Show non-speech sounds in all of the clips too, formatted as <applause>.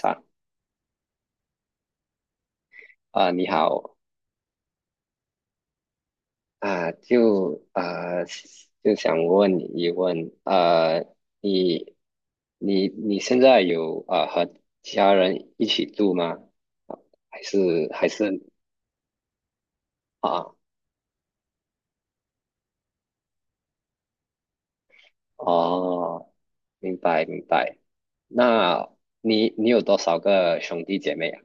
啊，你好啊，就想问你一问，你你现在有和家人一起住吗？啊还是还是啊？哦，明白明白。那你有多少个兄弟姐妹啊？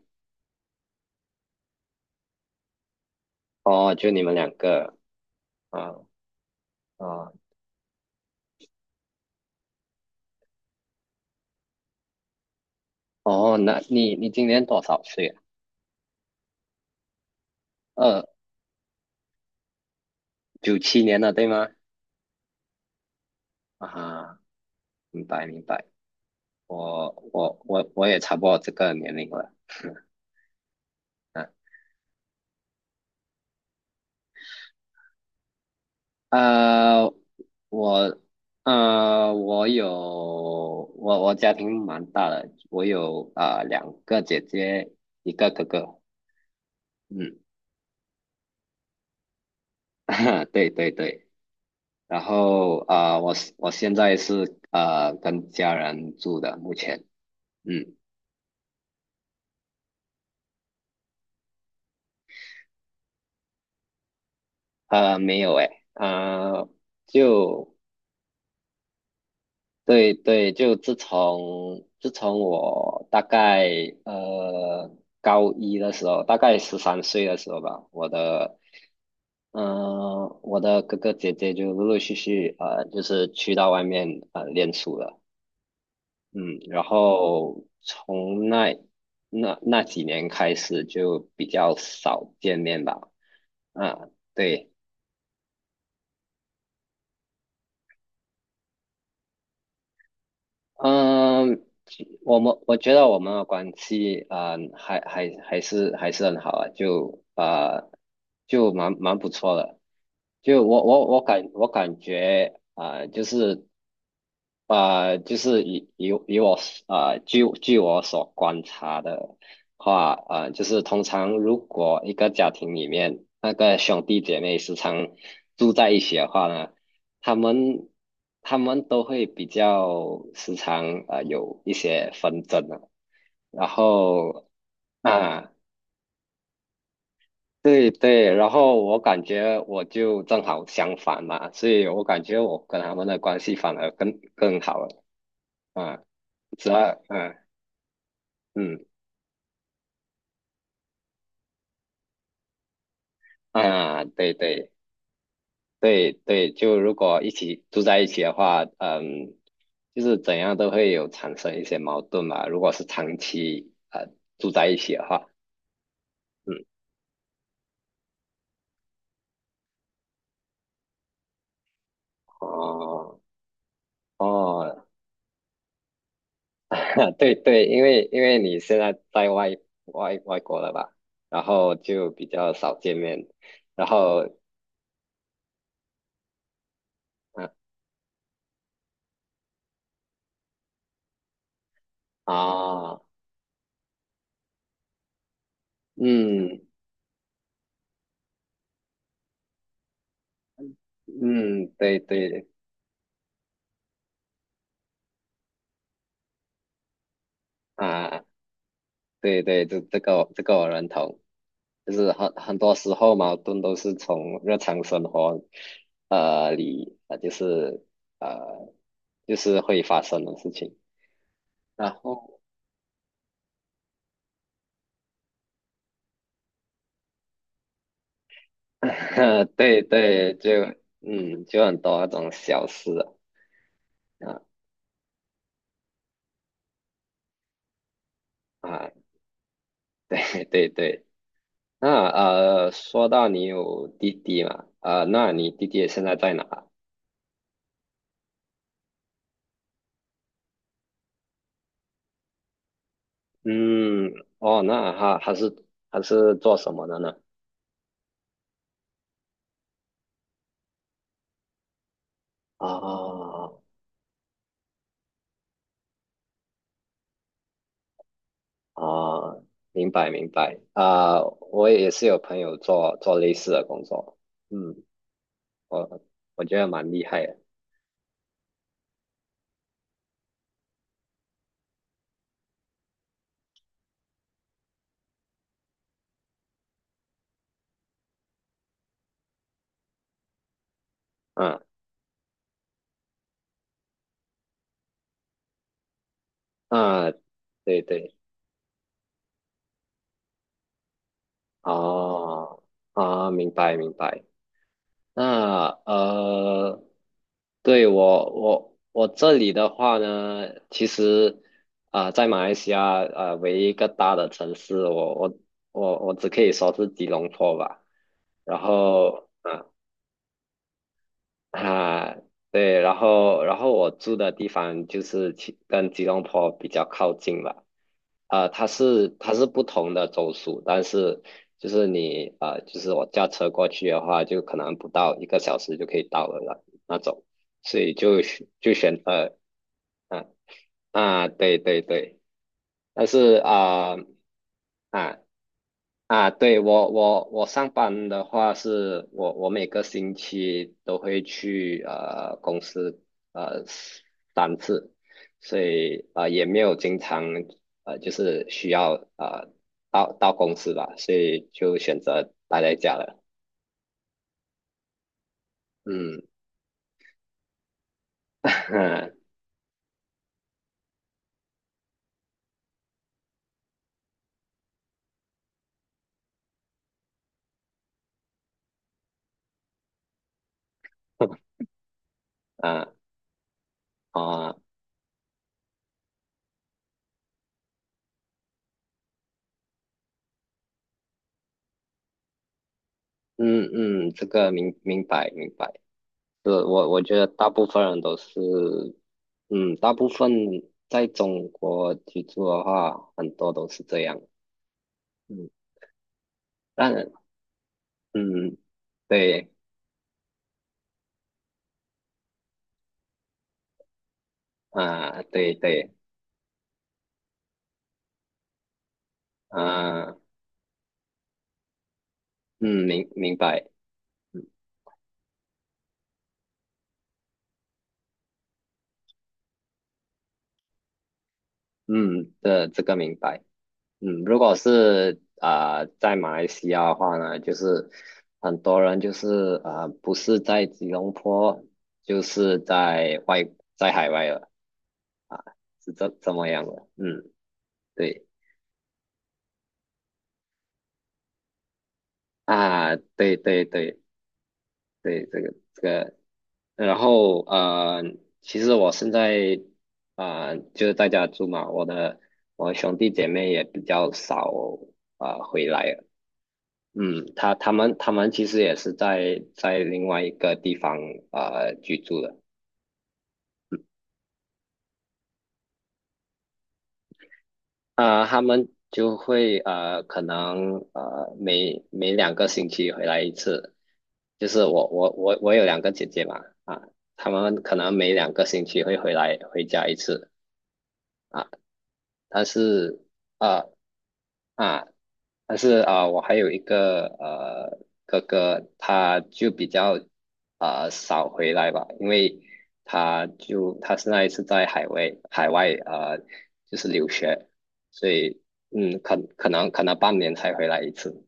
哦，就你们两个啊啊哦，那你今年多少岁啊？二97年了，对吗？啊，明白明白。我也差不多这个年龄了，嗯，呃，我呃我有我我家庭蛮大的，我有两个姐姐，一个哥哥，嗯，<laughs> 对对对，然后我现在是跟家人住的，目前，嗯，没有诶，就。对对，就自从我大概呃高一的时候，大概13岁的时候吧，我的哥哥姐姐就陆陆续续就是去到外面练书了，嗯，然后从那几年开始就比较少见面吧，啊，对。嗯，其我们我觉得我们的关系啊，还是很好啊，就就蛮不错的。就我我我感我感觉就是以以以我据我所观察的话就是通常如果一个家庭里面那个兄弟姐妹时常住在一起的话呢。他们他们都会比较时常有一些纷争啊，然后啊对对，然后我感觉我就正好相反嘛，所以我感觉我跟他们的关系反而更好了啊，只要嗯嗯啊对对对对，就如果一起住在一起的话，嗯。就是怎样都会有产生一些矛盾嘛。如果是长期住在一起的话，嗯，哦，哦，<laughs> 对对，因为你现在在外外国了吧，然后就比较少见面，然后嗯啊，嗯嗯，对对啊，对对，这这个我这个我认同，就是很多时候矛盾都是从日常生活里，呃就是会发生的事情，然后。<laughs> 对对，就嗯，就很多那种小事啊啊，对 <laughs> 对对。那说到你有弟弟嘛，那你弟弟现在在哪？嗯，哦，那他他是做什么的呢？啊啊，明白明白啊，我也是有朋友做类似的工作，嗯，我我觉得蛮厉害的，嗯啊，对对。哦，啊，明白明白。那对我这里的话呢，其实在马来西亚唯一一个大的城市，我只可以说是吉隆坡吧。然后，啊，对，然后我住的地方就是其跟吉隆坡比较靠近了，它是不同的州属，但是就是你就是我驾车过去的话，就可能不到一个小时就可以到了那种，所以就选啊啊，对对对。但是啊啊啊，对我上班的话是，我每个星期都会去公司呃三次，所以也没有经常需要到公司吧，所以就选择待在家了。嗯，<laughs> 啊啊哦嗯嗯，这个明白明白。是我觉得大部分人都是，嗯，大部分在中国居住的话，很多都是这样。嗯，但嗯，对，啊、对对，啊、嗯，明明白，嗯，嗯这个明白。嗯，如果是在马来西亚的话呢，就是很多人就是不是在吉隆坡，就是在外在海外了啊，是这么样的。嗯，对。啊，对对对对，这个这个，然后其实我现在就是在家住嘛，我兄弟姐妹也比较少回来了嗯，他们其实也是在另外一个地方居住的。啊，他们就会可能每两个星期回来一次。就是我有两个姐姐嘛，啊，他们可能每两个星期会回来回家一次啊。但是啊。啊，但是啊，我还有一个哥哥，他就比较啊少回来吧，因为他现在是那一次在海外就是留学，所以嗯可能半年才回来一次。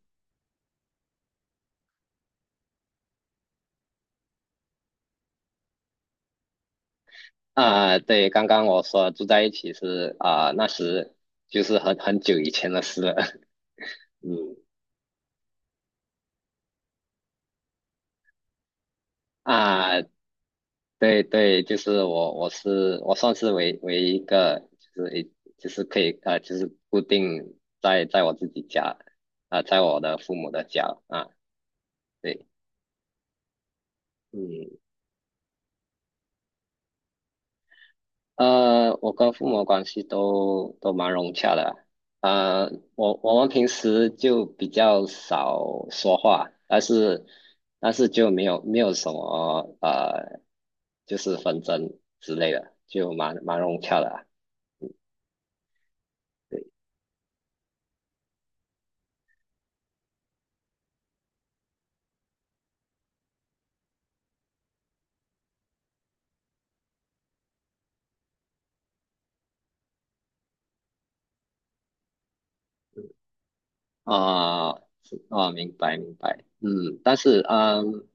啊，对，刚刚我说住在一起是啊，那时就是很久以前的事了。<laughs> 嗯啊，对对，就是我，我算是唯一一个，就是一就是可以就是固定在我自己家，在我的父母的家啊，对，嗯，我跟父母的关系都蛮融洽的，啊、我们平时就比较少说话，但是就没有什么就是纷争之类的，就蛮融洽的啊对，啊，是啊，明白明白，嗯，但是嗯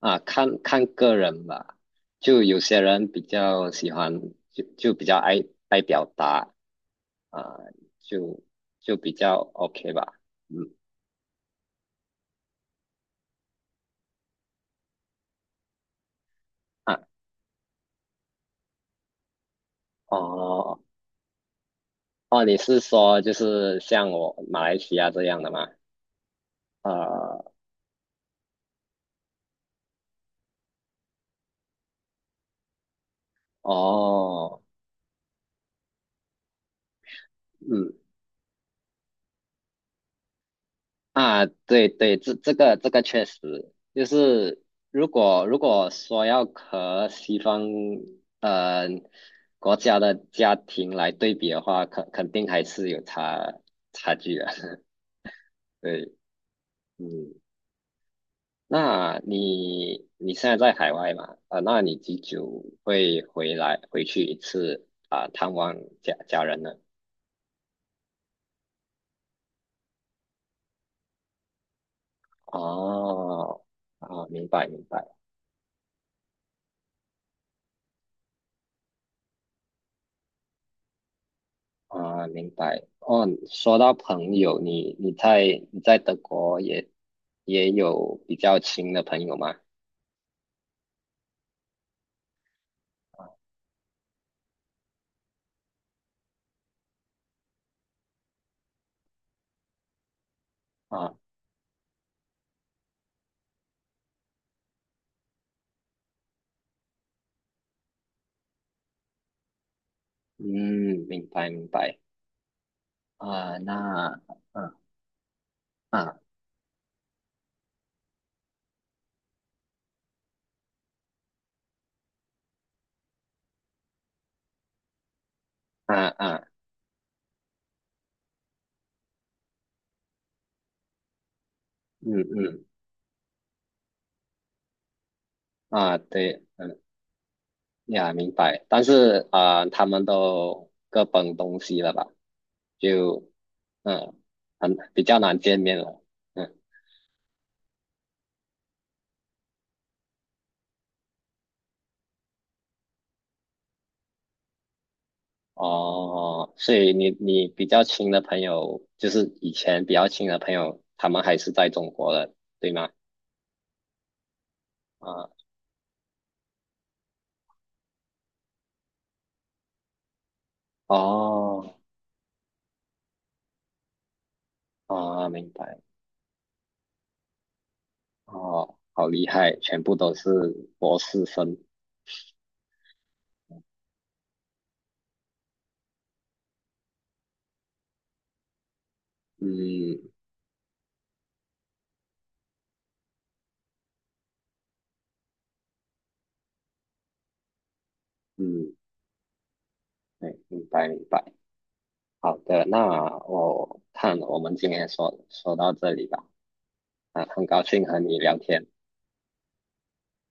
啊，看看个人吧，就有些人比较喜欢，就比较爱表达啊，就就比较 OK 吧，嗯啊哦哦，你是说就是像我马来西亚这样的吗？啊哦，嗯。啊，对对，这个这个确实就是如果说要和西方呃国家的家庭来对比的话，肯定还是有差距的。<laughs> 对，嗯，那你你现在在海外嘛？那你几久会回来回去一次啊、探望家人呢？哦，啊，明白明白。啊，明白。哦，说到朋友，你在德国也有比较亲的朋友吗？啊，嗯，明白明白。啊，那啊啊啊啊，嗯嗯啊，对，嗯呀，明白。但是啊，他们都各奔东西了吧？就嗯，很比较难见面了。嗯。哦，所以你比较亲的朋友，就是以前比较亲的朋友，他们还是在中国的，对吗？啊，哦，啊，明白，哦，好厉害，全部都是博士生，嗯嗯，对，明白明白，好的，那我看我们今天说到这里吧，啊，很高兴和你聊天，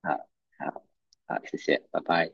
啊，好，啊，谢谢，拜拜。